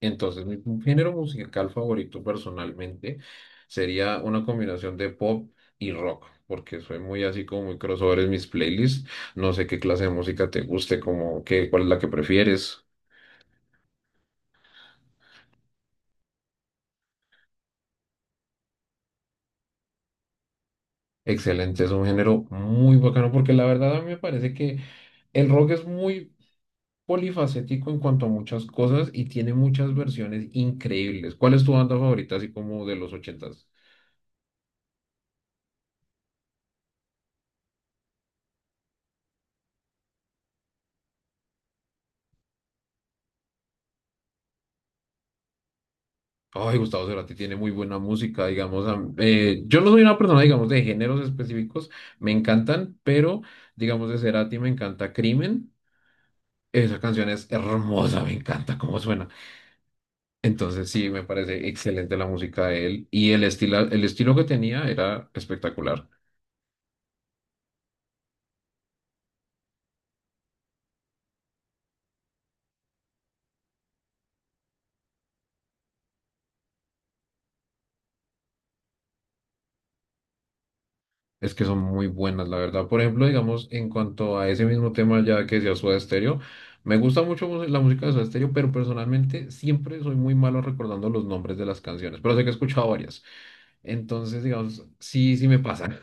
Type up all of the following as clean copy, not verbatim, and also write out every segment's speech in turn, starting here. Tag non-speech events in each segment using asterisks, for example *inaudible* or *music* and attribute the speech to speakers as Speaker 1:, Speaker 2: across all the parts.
Speaker 1: Entonces, mi género musical favorito personalmente sería una combinación de pop y rock, porque soy muy así como muy crossover en mis playlists. No sé qué clase de música te guste, como cuál es la que prefieres. Excelente, es un género muy bacano, porque la verdad a mí me parece que el rock es muy polifacético en cuanto a muchas cosas y tiene muchas versiones increíbles. ¿Cuál es tu banda favorita, así como de los 80s? Ay, Gustavo Cerati tiene muy buena música, digamos. Yo no soy una persona, digamos, de géneros específicos, me encantan, pero, digamos, de Cerati me encanta Crimen. Esa canción es hermosa, me encanta cómo suena. Entonces, sí, me parece excelente la música de él y el estilo que tenía era espectacular. Es que son muy buenas, la verdad. Por ejemplo, digamos, en cuanto a ese mismo tema ya que decía Soda Stereo, me gusta mucho la música de Soda Stereo, pero personalmente siempre soy muy malo recordando los nombres de las canciones, pero sé que he escuchado varias. Entonces, digamos, sí, sí me pasa.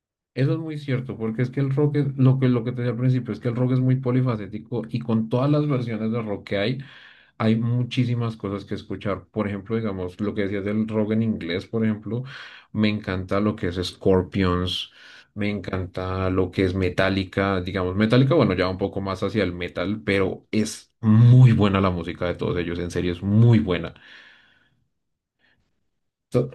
Speaker 1: *laughs* Eso es muy cierto, porque es que el rock, lo que te decía al principio, es que el rock es muy polifacético y con todas las versiones de rock que hay. Hay muchísimas cosas que escuchar. Por ejemplo, digamos, lo que decías del rock en inglés, por ejemplo, me encanta lo que es Scorpions, me encanta lo que es Metallica, digamos, Metallica, bueno, ya va un poco más hacia el metal, pero es muy buena la música de todos ellos, en serio, es muy buena. So-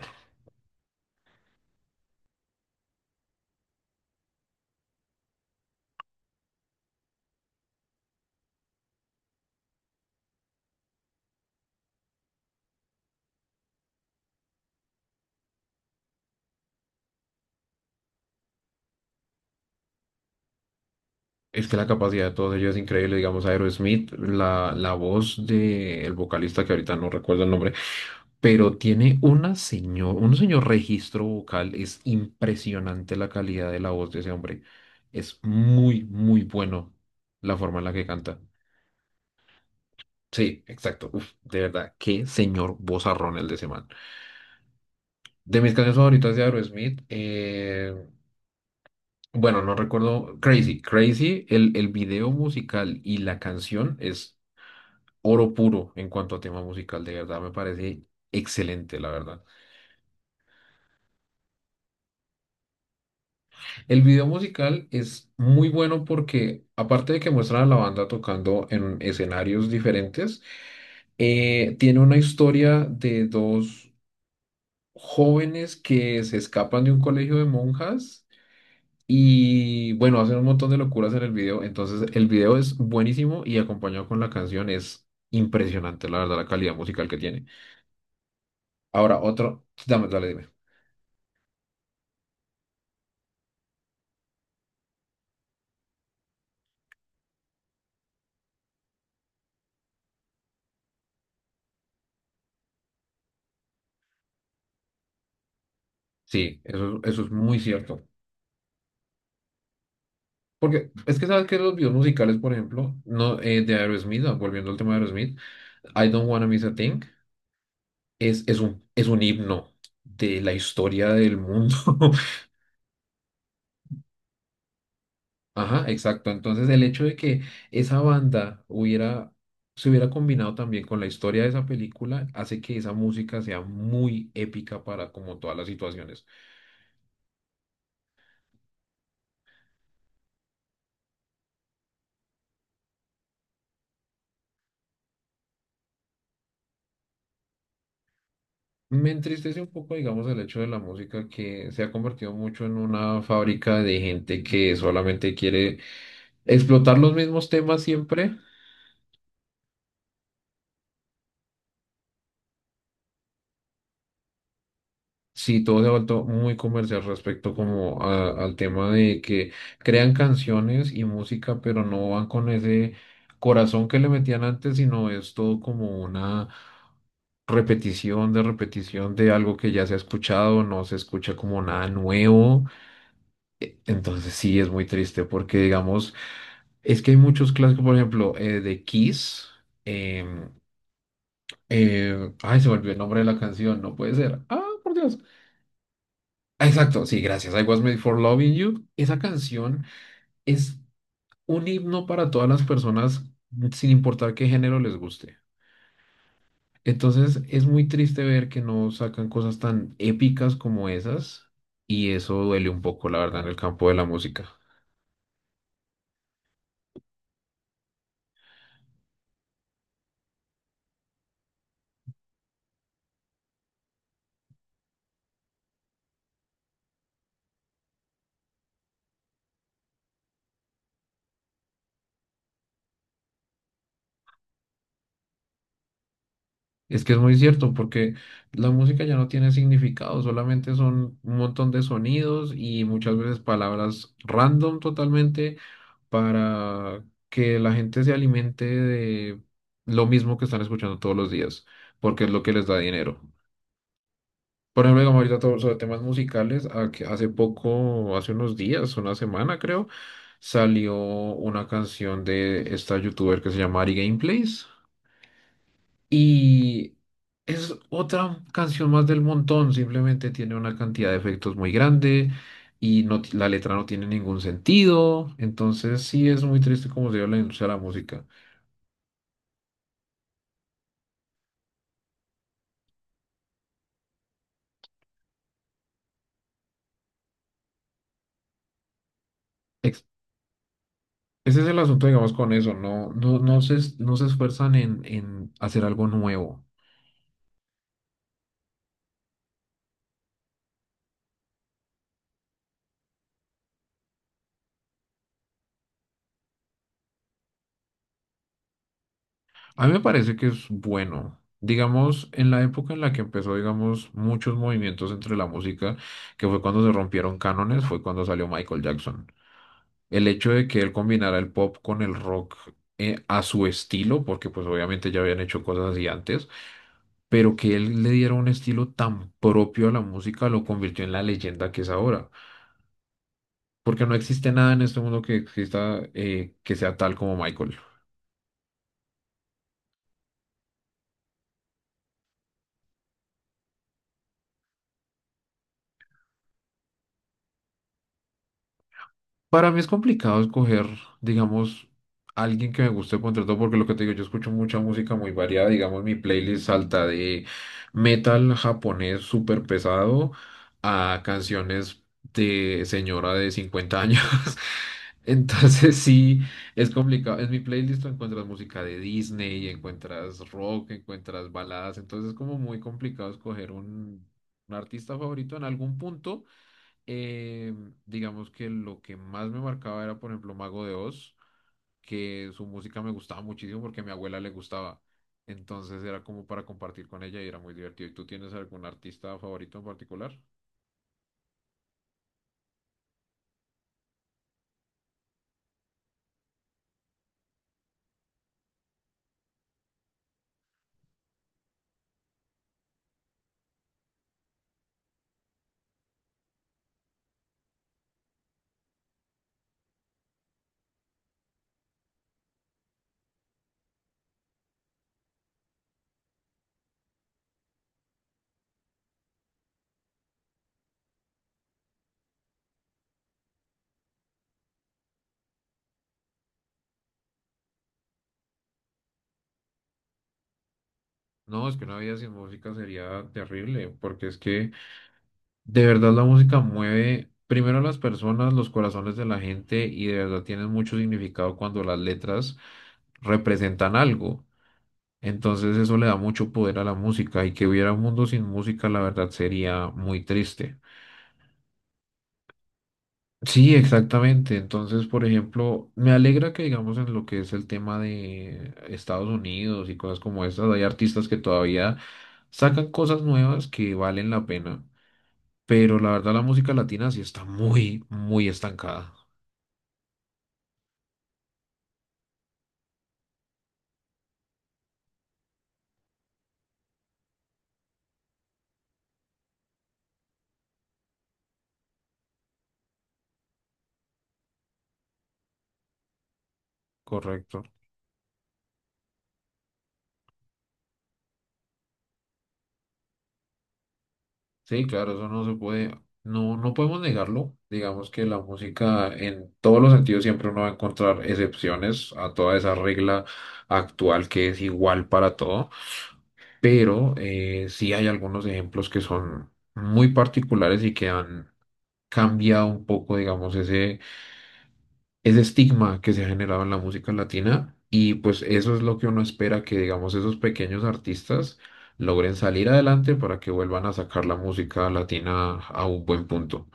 Speaker 1: Es que la capacidad de todos ellos es increíble, digamos, Aerosmith, la voz del vocalista, que ahorita no recuerdo el nombre, pero tiene un señor registro vocal. Es impresionante la calidad de la voz de ese hombre. Es muy, muy bueno la forma en la que canta. Sí, exacto. Uf, de verdad, qué señor vozarrón el de ese man. De mis canciones favoritas de Aerosmith, bueno, no recuerdo. Crazy, Crazy, el video musical y la canción es oro puro en cuanto a tema musical. De verdad, me parece excelente, la verdad. El video musical es muy bueno porque, aparte de que muestra a la banda tocando en escenarios diferentes, tiene una historia de dos jóvenes que se escapan de un colegio de monjas y, bueno, hacen un montón de locuras en el video. Entonces, el video es buenísimo y acompañado con la canción es impresionante, la verdad, la calidad musical que tiene. Ahora, otro, dime. Sí, eso es muy cierto. Porque es que sabes que los videos musicales, por ejemplo, no, de Aerosmith, volviendo al tema de Aerosmith, I Don't Wanna Miss a Thing es un himno de la historia del mundo. *laughs* Ajá, exacto. Entonces el hecho de que esa banda se hubiera combinado también con la historia de esa película hace que esa música sea muy épica para como todas las situaciones. Me entristece un poco, digamos, el hecho de la música que se ha convertido mucho en una fábrica de gente que solamente quiere explotar los mismos temas siempre. Sí, todo se ha vuelto muy comercial respecto como al tema de que crean canciones y música, pero no van con ese corazón que le metían antes, sino es todo como una repetición de algo que ya se ha escuchado, no se escucha como nada nuevo. Entonces sí, es muy triste porque digamos, es que hay muchos clásicos, por ejemplo, de Kiss. em, ay, se me olvidó el nombre de la canción, no puede ser. Ah, por Dios. Ah, exacto, sí, gracias. I was made for loving you. Esa canción es un himno para todas las personas, sin importar qué género les guste. Entonces, es muy triste ver que no sacan cosas tan épicas como esas, y eso duele un poco, la verdad, en el campo de la música. Es que es muy cierto, porque la música ya no tiene significado, solamente son un montón de sonidos y muchas veces palabras random totalmente para que la gente se alimente de lo mismo que están escuchando todos los días, porque es lo que les da dinero. Por ejemplo, digamos ahorita todo sobre temas musicales, a que hace poco, hace unos días, una semana creo, salió una canción de esta youtuber que se llama Ari Gameplays y es otra canción más del montón, simplemente tiene una cantidad de efectos muy grande y no, la letra no tiene ningún sentido, entonces sí es muy triste como se dio la industria de la música. Ex- Ese es el asunto, digamos, con eso, no se esfuerzan en hacer algo nuevo. A mí me parece que es bueno. Digamos, en la época en la que empezó, digamos, muchos movimientos entre la música, que fue cuando se rompieron cánones, fue cuando salió Michael Jackson. El hecho de que él combinara el pop con el rock a su estilo, porque pues obviamente ya habían hecho cosas así antes, pero que él le diera un estilo tan propio a la música lo convirtió en la leyenda que es ahora. Porque no existe nada en este mundo que sea tal como Michael. Para mí es complicado escoger, digamos, alguien que me guste contra todo, porque lo que te digo, yo escucho mucha música muy variada, digamos, mi playlist salta de metal japonés súper pesado a canciones de señora de 50 años. *laughs* Entonces sí, es complicado. En mi playlist tú encuentras música de Disney, encuentras rock, encuentras baladas, entonces es como muy complicado escoger un artista favorito en algún punto. Eh, digamos que lo que más me marcaba era, por ejemplo, Mago de Oz, que su música me gustaba muchísimo porque a mi abuela le gustaba. Entonces era como para compartir con ella y era muy divertido. ¿Y tú tienes algún artista favorito en particular? No, es que una vida sin música sería terrible, porque es que de verdad la música mueve primero a las personas, los corazones de la gente y de verdad tienen mucho significado cuando las letras representan algo. Entonces eso le da mucho poder a la música y que hubiera un mundo sin música, la verdad sería muy triste. Sí, exactamente. Entonces, por ejemplo, me alegra que digamos en lo que es el tema de Estados Unidos y cosas como estas, hay artistas que todavía sacan cosas nuevas que valen la pena, pero la verdad la música latina sí está muy, muy estancada. Correcto. Sí, claro, eso no se puede, no, no podemos negarlo. Digamos que la música en todos los sentidos siempre uno va a encontrar excepciones a toda esa regla actual que es igual para todo, pero sí hay algunos ejemplos que son muy particulares y que han cambiado un poco, digamos, ese estigma que se ha generado en la música latina y pues eso es lo que uno espera que digamos esos pequeños artistas logren salir adelante para que vuelvan a sacar la música latina a un buen punto.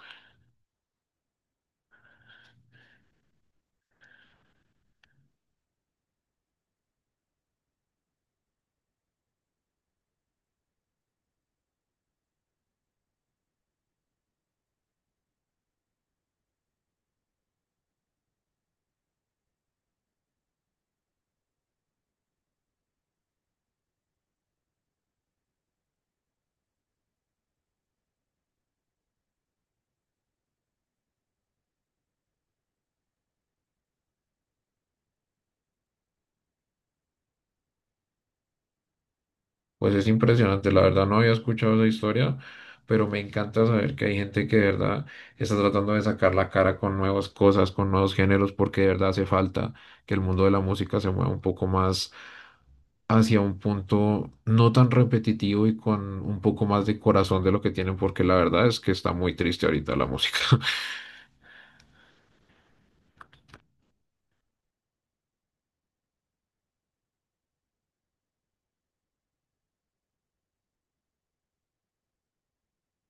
Speaker 1: Pues es impresionante, la verdad no había escuchado esa historia, pero me encanta saber que hay gente que de verdad está tratando de sacar la cara con nuevas cosas, con nuevos géneros, porque de verdad hace falta que el mundo de la música se mueva un poco más hacia un punto no tan repetitivo y con un poco más de corazón de lo que tienen, porque la verdad es que está muy triste ahorita la música. *laughs*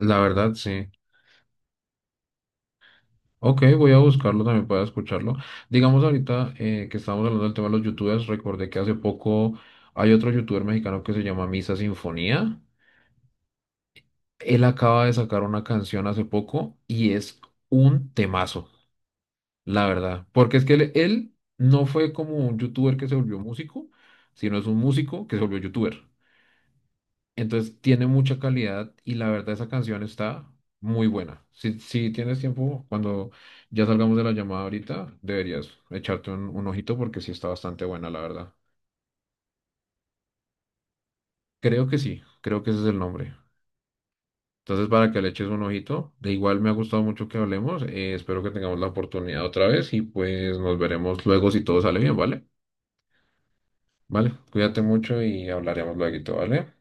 Speaker 1: La verdad, sí. Ok, voy a buscarlo también para escucharlo. Digamos ahorita que estamos hablando del tema de los youtubers, recordé que hace poco hay otro youtuber mexicano que se llama Misa Sinfonía. Él acaba de sacar una canción hace poco y es un temazo, la verdad. Porque es que él no fue como un youtuber que se volvió músico, sino es un músico que se volvió youtuber. Entonces tiene mucha calidad y la verdad esa canción está muy buena. Si tienes tiempo, cuando ya salgamos de la llamada ahorita, deberías echarte un ojito porque sí está bastante buena, la verdad. Creo que sí, creo que ese es el nombre. Entonces para que le eches un ojito, de igual me ha gustado mucho que hablemos, espero que tengamos la oportunidad otra vez y pues nos veremos luego si todo sale bien, ¿vale? Vale, cuídate mucho y hablaremos luego, ¿vale?